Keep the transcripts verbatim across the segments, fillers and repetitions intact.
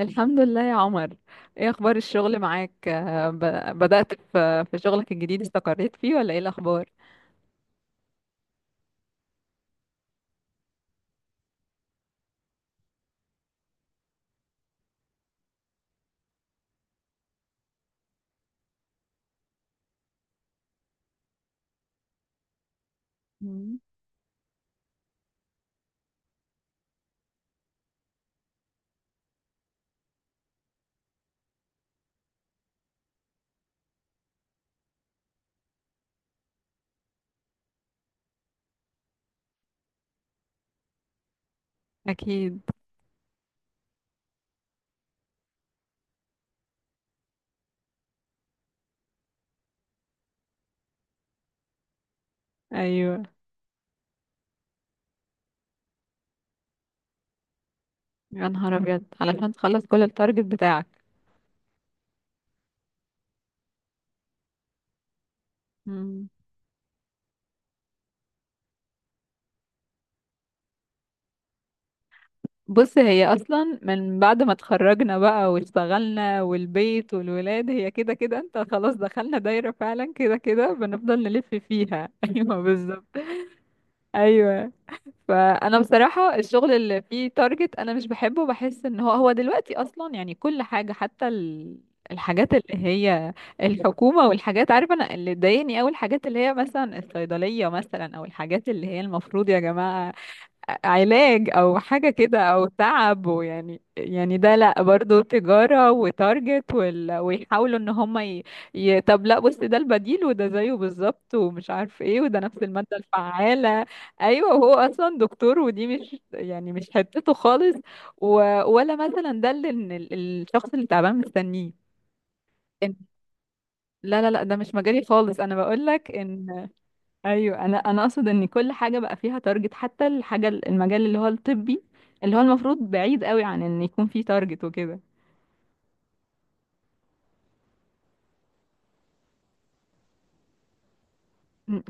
الحمد لله يا عمر. ايه اخبار الشغل معاك؟ آه، ب- بدأت في في شغلك الجديد، استقريت فيه ولا ايه الاخبار؟ مم. اكيد. ايوه. يا نهار ابيض علشان تخلص كل التارجت بتاعك. مم. بص، هي اصلا من بعد ما اتخرجنا بقى واشتغلنا والبيت والولاد هي كده كده، انت خلاص دخلنا دايرة فعلا، كده كده بنفضل نلف فيها ايوه بالظبط. ايوه، فانا بصراحه الشغل اللي فيه تارجت انا مش بحبه، بحس ان هو هو دلوقتي اصلا، يعني كل حاجه حتى ال- الحاجات اللي هي الحكومه والحاجات، عارفه انا اللي ضايقني قوي الحاجات اللي هي مثلا الصيدليه، مثلا او الحاجات اللي هي المفروض يا جماعه علاج او حاجة كده او تعب، ويعني يعني يعني ده لا، برضو تجارة وتارجت وال... ويحاولوا ان هم ي... ي... طب لا. بص، ده البديل وده زيه بالظبط، ومش عارف ايه، وده نفس المادة الفعالة. ايوه، وهو اصلا دكتور، ودي مش يعني مش حتته خالص و... ولا مثلا ده اللي إن ال- الشخص اللي تعبان مستنيه. إن- لا لا لا، ده مش مجالي خالص، انا بقول لك ان ايوه. انا انا اقصد ان كل حاجه بقى فيها تارجت، حتى الحاجه المجال اللي هو الطبي، اللي هو المفروض بعيد قوي عن ان يكون فيه تارجت وكده. م.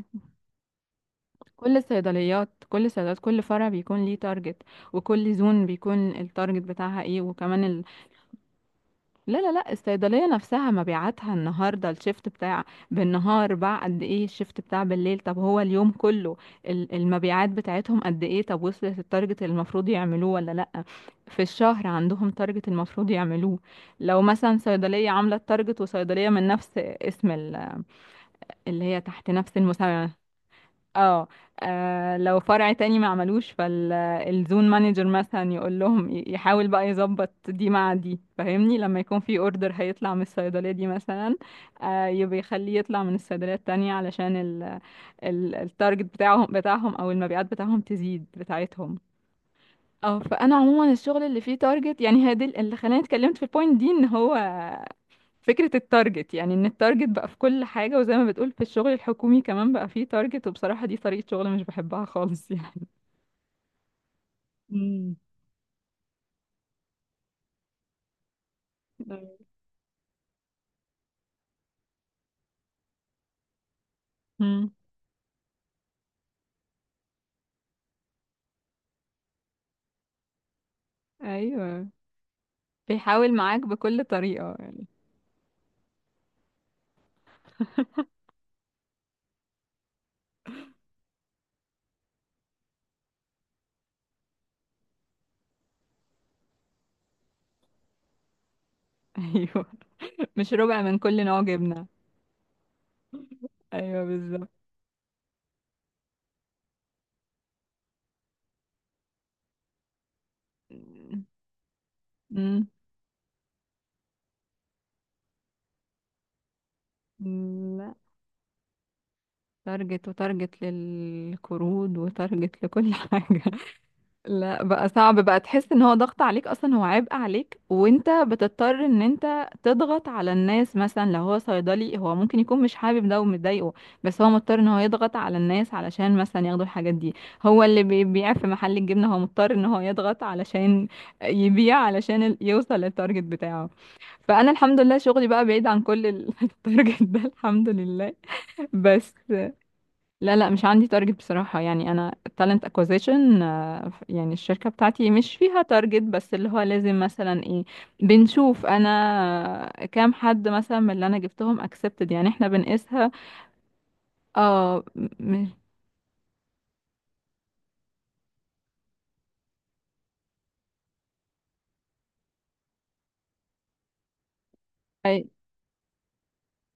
كل الصيدليات، كل الصيدليات، كل فرع بيكون ليه تارجت، وكل زون بيكون التارجت بتاعها ايه، وكمان لا لا لا، الصيدلية نفسها مبيعاتها النهاردة، الشيفت بتاع بالنهار باع قد ايه، الشيفت بتاع بالليل، طب هو اليوم كله ال- المبيعات بتاعتهم قد ايه، طب وصلت التارجت اللي المفروض يعملوه ولا لا؟ في الشهر عندهم تارجت المفروض يعملوه. لو مثلا صيدلية عاملة التارجت، وصيدلية من نفس اسم ال- اللي هي تحت نفس المسمى، اه. آه، لو فرع تاني ما عملوش، فالزون مانجر مثلا يقول لهم ي- يحاول بقى يظبط دي مع دي، فاهمني؟ لما يكون في اوردر هيطلع من الصيدلية دي مثلا، آه، يبقى يخليه يطلع من الصيدلية التانية علشان ال ال التارجت بتاعهم بتاعهم او المبيعات بتاعهم تزيد بتاعتهم. اه. فانا عموما الشغل اللي فيه تارجت، يعني هي دي اللي خلاني اتكلمت في البوينت دي، ان هو فكرة التارجت، يعني ان التارجت بقى في كل حاجة، وزي ما بتقول في الشغل الحكومي كمان بقى فيه تارجت، وبصراحة دي طريقة شغل مش بحبها خالص يعني. مم. مم. ايوه، بيحاول معاك بكل طريقة يعني. ايوه، مش ربع من كل نوع جبنة. ايوه بالظبط. مم. مم. لا، تارجت وتارجت للقروض وتارجت لكل حاجة. لا بقى صعب بقى، تحس ان هو ضغط عليك اصلا، هو عبء عليك، وانت بتضطر ان انت تضغط على الناس، مثلا لو هو صيدلي هو ممكن يكون مش حابب ده ومضايقه، بس هو مضطر ان هو يضغط على الناس علشان مثلا ياخدوا الحاجات دي. هو اللي بيبيع في محل الجبنة هو مضطر ان هو يضغط علشان يبيع، علشان ال- يوصل للتارجت بتاعه. فانا الحمد لله شغلي بقى بعيد عن كل ال- التارجت ده، الحمد لله. بس لا لا، مش عندي تارجت بصراحة، يعني أنا talent acquisition. آه، ف- يعني الشركة بتاعتي مش فيها تارجت، بس اللي هو لازم مثلا ايه، بنشوف أنا آه، كام حد مثلا من اللي أنا جبتهم accepted، يعني احنا بنقيسها. اه. م- م- أي-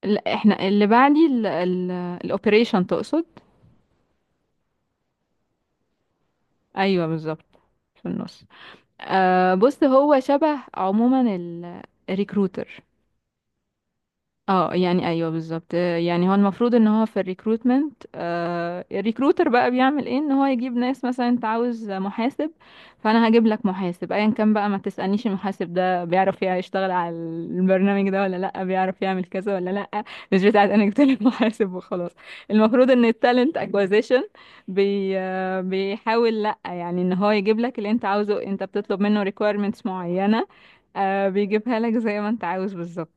لا، احنا اللي بعدي ال ال الأوبريشن تقصد؟ أيوه بالظبط، في النص. آه، بص هو شبه عموما الريكروتر، اه، يعني ايوه بالظبط. آه، يعني هو المفروض ان هو في الريكروتمنت، آه الريكروتر بقى بيعمل ايه، ان هو يجيب ناس، مثلا انت عاوز محاسب فانا هجيب لك محاسب ايا كان بقى، ما تسألنيش المحاسب ده بيعرف يع- يشتغل على البرنامج ده ولا لا، بيعرف يعمل كذا ولا لا، مش بتاعت. انا جبت لك محاسب وخلاص. المفروض ان التالنت اكوزيشن بي آه، بيحاول، لا يعني ان هو يجيب لك اللي انت عاوزه، انت بتطلب منه requirements معينة، آه، بيجيبها لك زي ما انت عاوز بالظبط.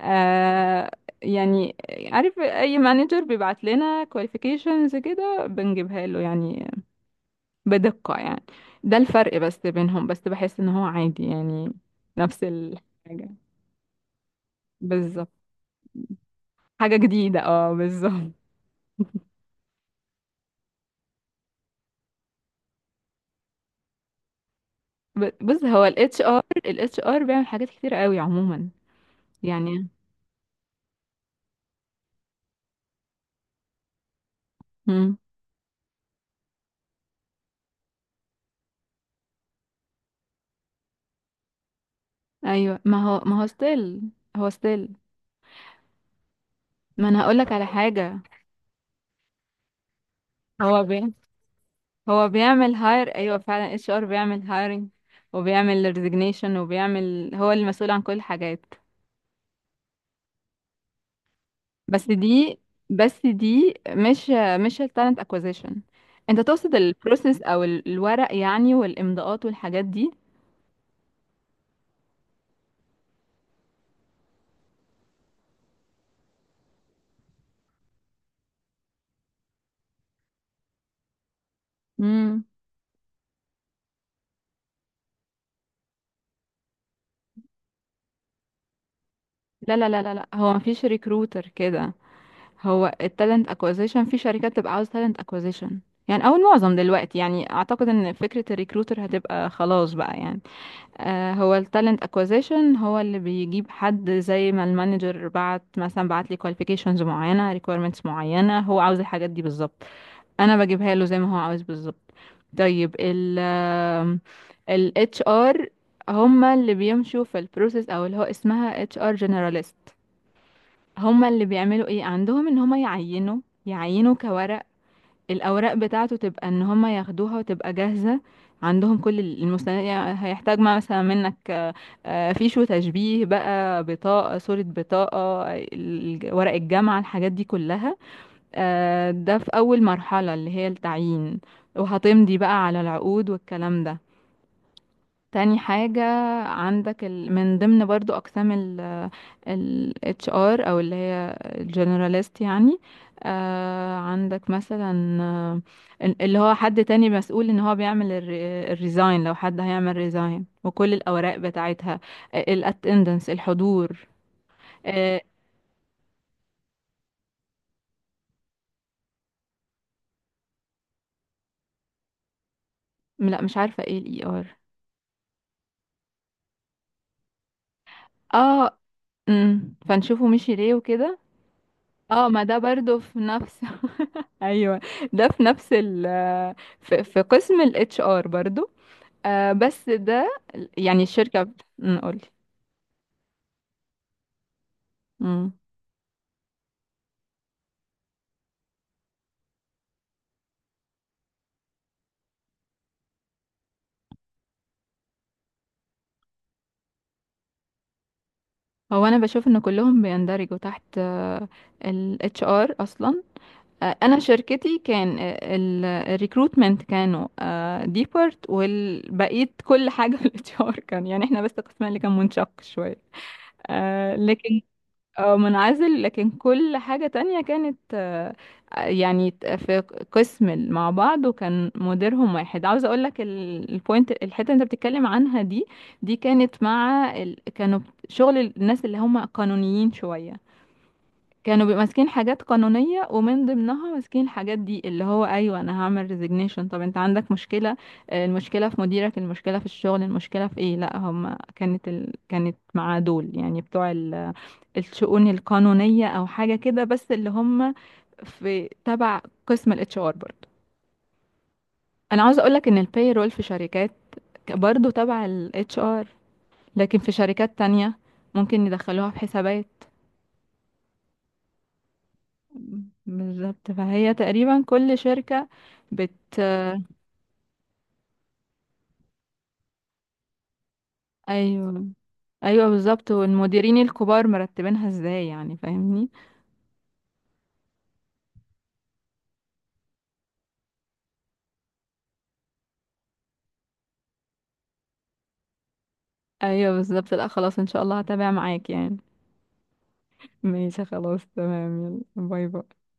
آه يعني، عارف اي مانجر بيبعت لنا كواليفيكيشنز كده بنجيبها له يعني، بدقة يعني. ده الفرق بس بينهم، بس بحس ان هو عادي يعني، نفس الحاجة بالظبط. حاجة جديدة، اه بالظبط. ب- بص هو ال اتش ار، ال اتش ار بيعمل حاجات كتير قوي عموما يعني. مم. ايوه، ما هو ما هو ستيل، هو ستيل. ما انا هقولك على حاجة. هو بي هو بيعمل هاير، ايوه فعلا اتش ار بيعمل هايرنج، وبيعمل ريزيجنيشن، وبيعمل هو المسؤول عن كل الحاجات. بس دي بس دي مش، مش التالنت اكوزيشن. انت تقصد البروسيس او ال- الورق يعني، والامضاءات والحاجات دي. امم. لا لا لا لا لا، هو مفيش ريكروتر كده. هو التالنت اكوزيشن، في شركات تبقى عاوز تالنت اكوزيشن يعني، او المعظم دلوقتي، يعني اعتقد ان فكرة الريكروتر هتبقى خلاص بقى يعني. آه، هو التالنت اكوزيشن هو اللي بيجيب حد، زي ما المانجر بعت مثلا، بعت لي كواليفيكيشنز معينه، ريكويرمنتس معينه هو عاوز الحاجات دي بالظبط، انا بجيبها له زي ما هو عاوز بالظبط. طيب ال ال اتش ار، هما اللي بيمشوا في البروسيس، او اللي هو اسمها اتش ار جنراليست. هما اللي بيعملوا ايه عندهم، ان هما يعينوا، يعينوا كورق. الأوراق بتاعته تبقى إن هما ياخدوها، وتبقى جاهزة عندهم كل المستندات، يعني هيحتاج ما مثلا منك آه، آه، فيش وتشبيه بقى، بطاقة، صورة بطاقة، ال- ورق الجامعة، الحاجات دي كلها. آه، ده في أول مرحلة اللي هي التعيين، وهتمضي بقى على العقود والكلام ده. تاني حاجة، عندك ال... من ضمن برضو أقسام ال ال اتش ار، أو اللي هي الجنراليست يعني. آه، عندك مثلا آه، ال- اللي هو حد تاني مسؤول ان هو بيعمل الريزاين، لو حد هيعمل ريزاين وكل الأوراق بتاعتها، الاتندنس، الحضور. آه لا، مش عارفة ايه الاي ار. اه، أمم، فنشوفه مشي ليه وكده. اه، ما ده برضو في نفس ايوه، ده في نفس ال في, في قسم ال H R برضو. آه بس ده يعني الشركة نقول، هو انا بشوف ان كلهم بيندرجوا تحت آه ال H R اصلا. آه انا شركتي كان الريكروتمنت كانوا آه ديبارت، والبقية كل حاجة ال اتش ار كان، يعني احنا بس قسمنا اللي كان منشق شوية آه لكن، اه، منعزل. لكن كل حاجة تانية كانت آه، يعني ت- في قسم ال- مع بعض، وكان مديرهم واحد. عاوزة اقولك ال- البوينت، الحتة اللي انت بتتكلم عنها دي، دي كانت مع ال... كانوا شغل الناس اللي هم قانونيين شوية، كانوا بيبقوا ماسكين حاجات قانونية، ومن ضمنها ماسكين الحاجات دي اللي هو، ايوه انا هعمل ريزيجنيشن طب انت عندك مشكلة، آه، المشكلة في مديرك، المشكلة في الشغل، المشكلة في ايه. لا هم كانت ال... كانت مع دول، يعني بتوع الشؤون القانونية او حاجة كده، بس اللي هم في تبع قسم الاتش ار برضه. انا عاوزة اقولك ان الباي رول في شركات ك- برضه تبع الاتش ار، لكن في شركات تانية ممكن يدخلوها في حسابات. بالظبط، فهي تقريبا كل شركة بت ايوه، ايوه بالظبط، والمديرين الكبار مرتبينها ازاي، يعني فاهمني؟ ايوه بالظبط، لا خلاص ان شاء الله هتابع معاك يعني. ماشي خلاص تمام. يلا، باي باي.